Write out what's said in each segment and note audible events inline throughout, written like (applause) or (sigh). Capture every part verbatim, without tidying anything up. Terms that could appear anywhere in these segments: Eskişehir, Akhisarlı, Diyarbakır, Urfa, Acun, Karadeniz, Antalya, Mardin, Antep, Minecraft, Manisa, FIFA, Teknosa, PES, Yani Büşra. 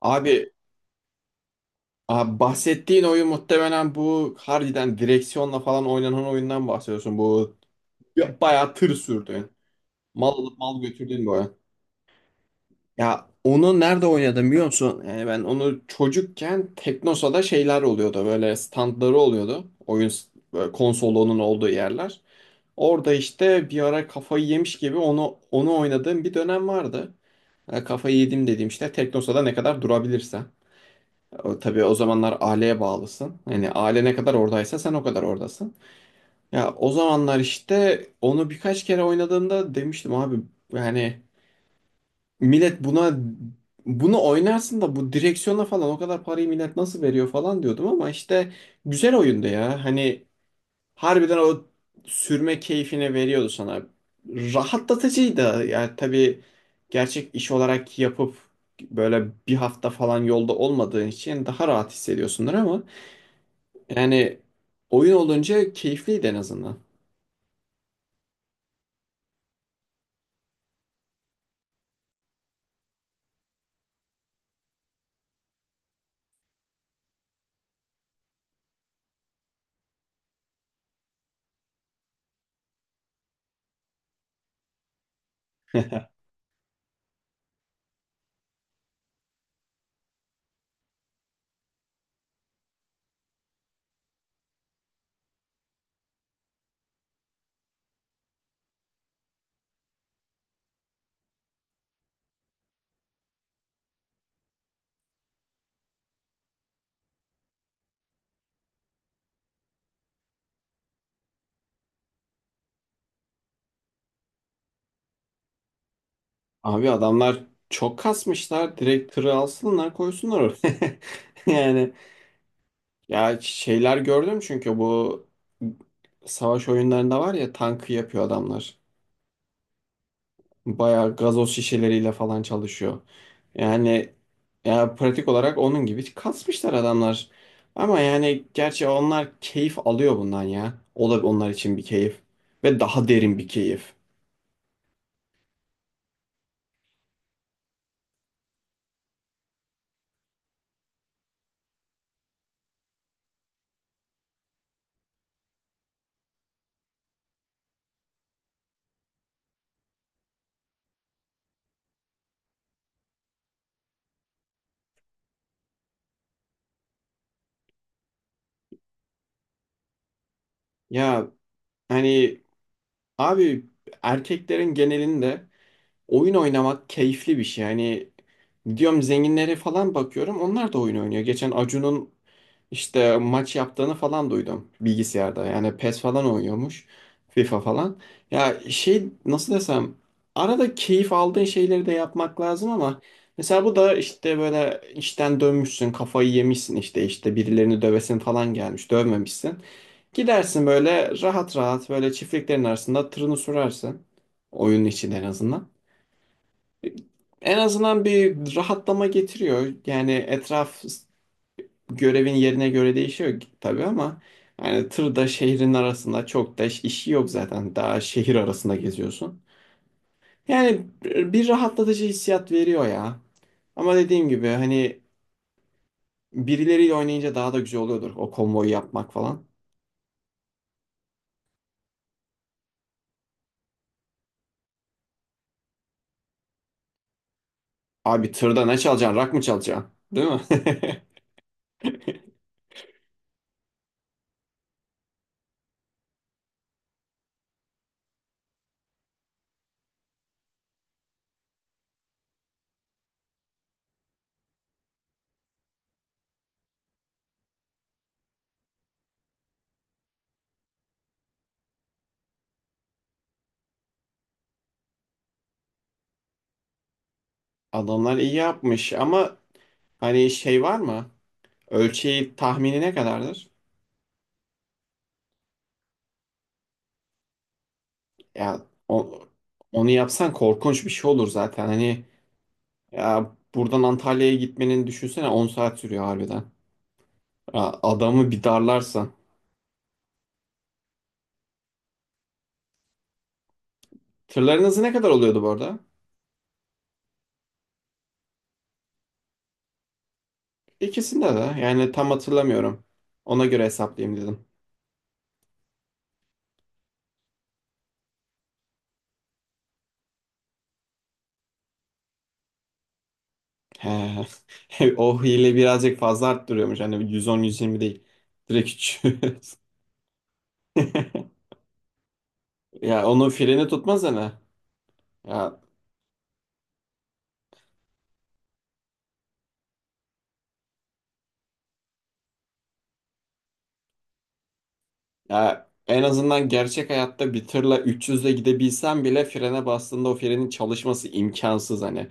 Abi, abi bahsettiğin oyun muhtemelen bu harbiden direksiyonla falan oynanan oyundan bahsediyorsun. Bu ya- bayağı tır sürdün, mal alıp mal götürdün bu oyun. Ya onu nerede oynadım biliyor musun? Yani ben onu çocukken Teknosa'da şeyler oluyordu. Böyle standları oluyordu. Oyun s- böyle konsolunun olduğu yerler. Orada işte bir ara kafayı yemiş gibi onu onu oynadığım bir dönem vardı. Yani kafayı yedim dediğim işte Teknosa'da ne kadar durabilirsen. O, tabii o zamanlar aileye bağlısın. Hani aile ne kadar oradaysa sen o kadar oradasın. Ya o zamanlar işte onu birkaç kere oynadığımda demiştim abi, yani millet buna bunu oynarsın da bu direksiyona falan o kadar parayı millet nasıl veriyor falan diyordum ama işte güzel oyundu ya. Hani harbiden o sürme keyfini veriyordu sana. Rahatlatıcıydı. Yani tabii gerçek iş olarak yapıp böyle bir hafta falan yolda olmadığın için daha rahat hissediyorsundur ama yani oyun olunca keyifliydi en azından. (laughs) Abi adamlar çok kasmışlar. Direkt tırı alsınlar koysunlar oraya. (laughs) Yani ya şeyler gördüm çünkü bu savaş oyunlarında var ya tankı yapıyor adamlar. Bayağı gazoz şişeleriyle falan çalışıyor. Yani ya pratik olarak onun gibi kasmışlar adamlar. Ama yani gerçi onlar keyif alıyor bundan ya. O da onlar için bir keyif. Ve daha derin bir keyif. Ya hani abi erkeklerin genelinde oyun oynamak keyifli bir şey. Hani diyorum zenginlere falan bakıyorum onlar da oyun oynuyor. Geçen Acun'un işte maç yaptığını falan duydum bilgisayarda. Yani P E S falan oynuyormuş. FIFA falan. Ya şey nasıl desem, arada keyif aldığın şeyleri de yapmak lazım ama mesela bu da işte böyle işten dönmüşsün kafayı yemişsin işte işte birilerini dövesin falan gelmiş dövmemişsin. Gidersin böyle rahat rahat böyle çiftliklerin arasında tırını sürersin. Oyunun için en azından. En azından bir rahatlama getiriyor. Yani etraf, görevin yerine göre değişiyor tabii ama yani tır da şehrin arasında çok da iş- işi yok zaten. Daha şehir arasında geziyorsun. Yani bir rahatlatıcı hissiyat veriyor ya. Ama dediğim gibi hani birileriyle oynayınca daha da güzel oluyordur o konvoyu yapmak falan. Abi tırda ne çalacaksın? Rock mı çalacaksın? Değil mi? (laughs) Adamlar iyi yapmış ama hani şey var mı? Ölçeği tahmini ne kadardır? Ya o- Onu yapsan korkunç bir şey olur zaten. Hani ya buradan Antalya'ya gitmenin düşünsene on saat sürüyor harbiden. Ya adamı bir darlarsan. Tırların hızı ne kadar oluyordu bu arada? İkisinde de yani tam hatırlamıyorum. Ona göre hesaplayayım dedim. He. (laughs) O hile birazcık fazla arttırıyormuş. Hani yüz on, yüz yirmi değil. Direkt üç yüz. (laughs) Ya onun freni tutmaz hani. Ya Ya en azından gerçek hayatta bir tırla üç yüzle gidebilsem bile frene bastığında o frenin çalışması imkansız hani.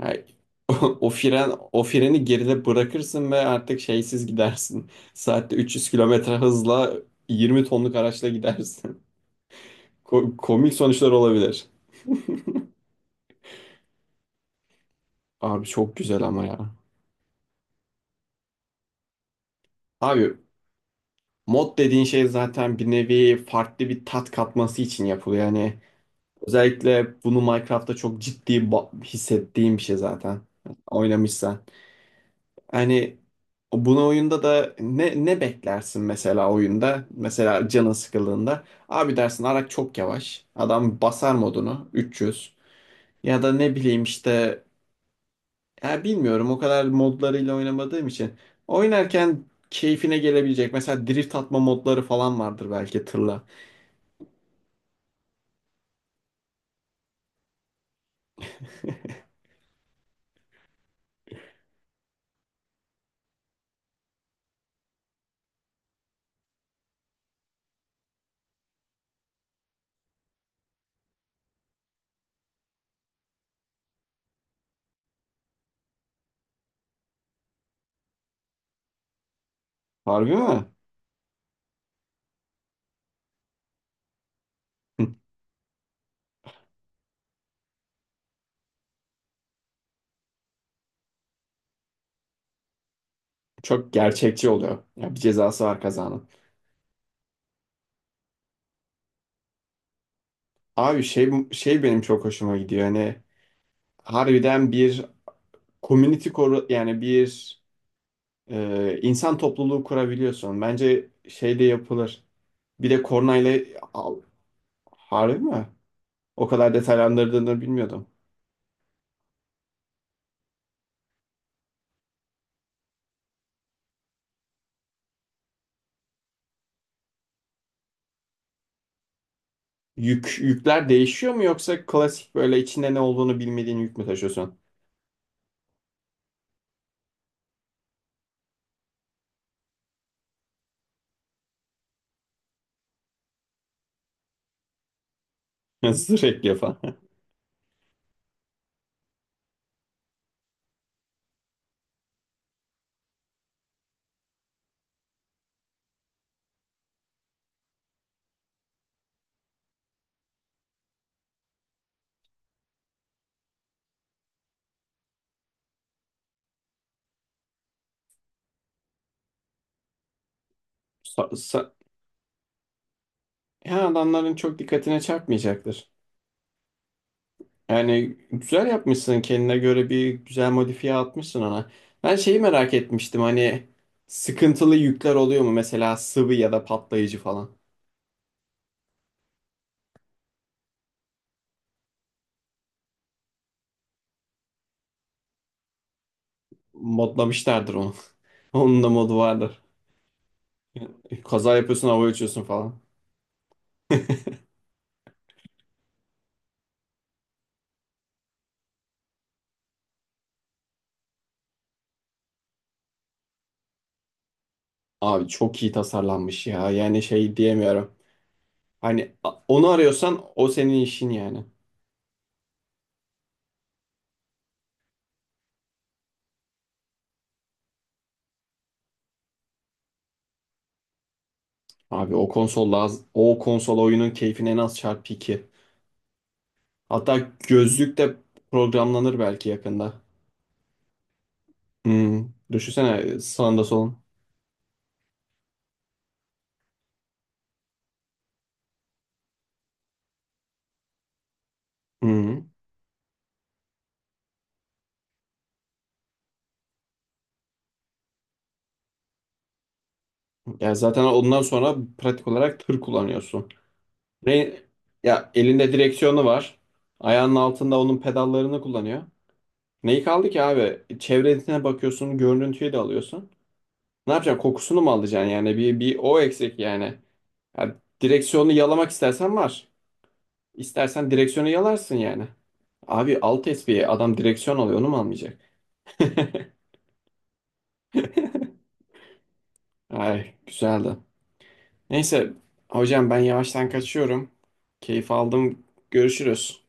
Yani (laughs) o fren o freni geride bırakırsın ve artık şeysiz gidersin. (laughs) Saatte üç yüz kilometre hızla yirmi tonluk araçla gidersin. (laughs) Ko- komik sonuçlar olabilir. Abi çok güzel ama ya. Abi mod dediğin şey zaten bir nevi farklı bir tat katması için yapılıyor. Yani özellikle bunu Minecraft'ta çok ciddi ba- hissettiğim bir şey zaten. Oynamışsan. Hani bunu oyunda da ne, ne beklersin mesela oyunda? Mesela canın sıkıldığında. Abi dersin Arak çok yavaş. Adam basar modunu üç yüz. Ya da ne bileyim işte, ya bilmiyorum o kadar modlarıyla oynamadığım için. Oynarken keyfine gelebilecek. Mesela drift atma modları falan vardır belki tırla. Harbi mi? (laughs) Çok gerçekçi oluyor. Ya bir cezası var kazanın. Abi şey şey benim çok hoşuma gidiyor. Hani harbiden bir community koru yani bir e, insan topluluğu kurabiliyorsun. Bence şey de yapılır. Bir de kornayla al, harbi mi? O kadar detaylandırdığını bilmiyordum. Yük, yükler değişiyor mu yoksa klasik böyle içinde ne olduğunu bilmediğin yük mü taşıyorsun? (laughs) Sürekli falan. Sa- sa- Yani adamların çok dikkatine çarpmayacaktır. Yani güzel yapmışsın kendine göre bir güzel modifiye atmışsın ona. Ben şeyi merak etmiştim hani sıkıntılı yükler oluyor mu mesela sıvı ya da patlayıcı falan. Modlamışlardır onu. (laughs) Onun da modu vardır. Kaza yapıyorsun hava uçuyorsun falan. (laughs) Abi çok iyi tasarlanmış ya yani şey diyemiyorum. Hani a- onu arıyorsan o senin işin yani. Abi o konsol laz o konsol oyunun keyfine en az çarpı iki. Hatta gözlük de programlanır belki yakında. Hmm. Düşünsene sağında solun. Hmm. Ya zaten ondan sonra pratik olarak tır kullanıyorsun. Ne, ya elinde direksiyonu var. Ayağının altında onun pedallarını kullanıyor. Neyi kaldı ki abi? Çevresine bakıyorsun, görüntüyü de alıyorsun. Ne yapacaksın? Kokusunu mu alacaksın yani? Bir, bir o eksik yani. Ya direksiyonu yalamak istersen var. İstersen direksiyonu yalarsın yani. Abi alt espiye adam direksiyon alıyor onu mu almayacak? (laughs) Ay güzeldi. Neyse hocam ben yavaştan kaçıyorum. Keyif aldım. Görüşürüz.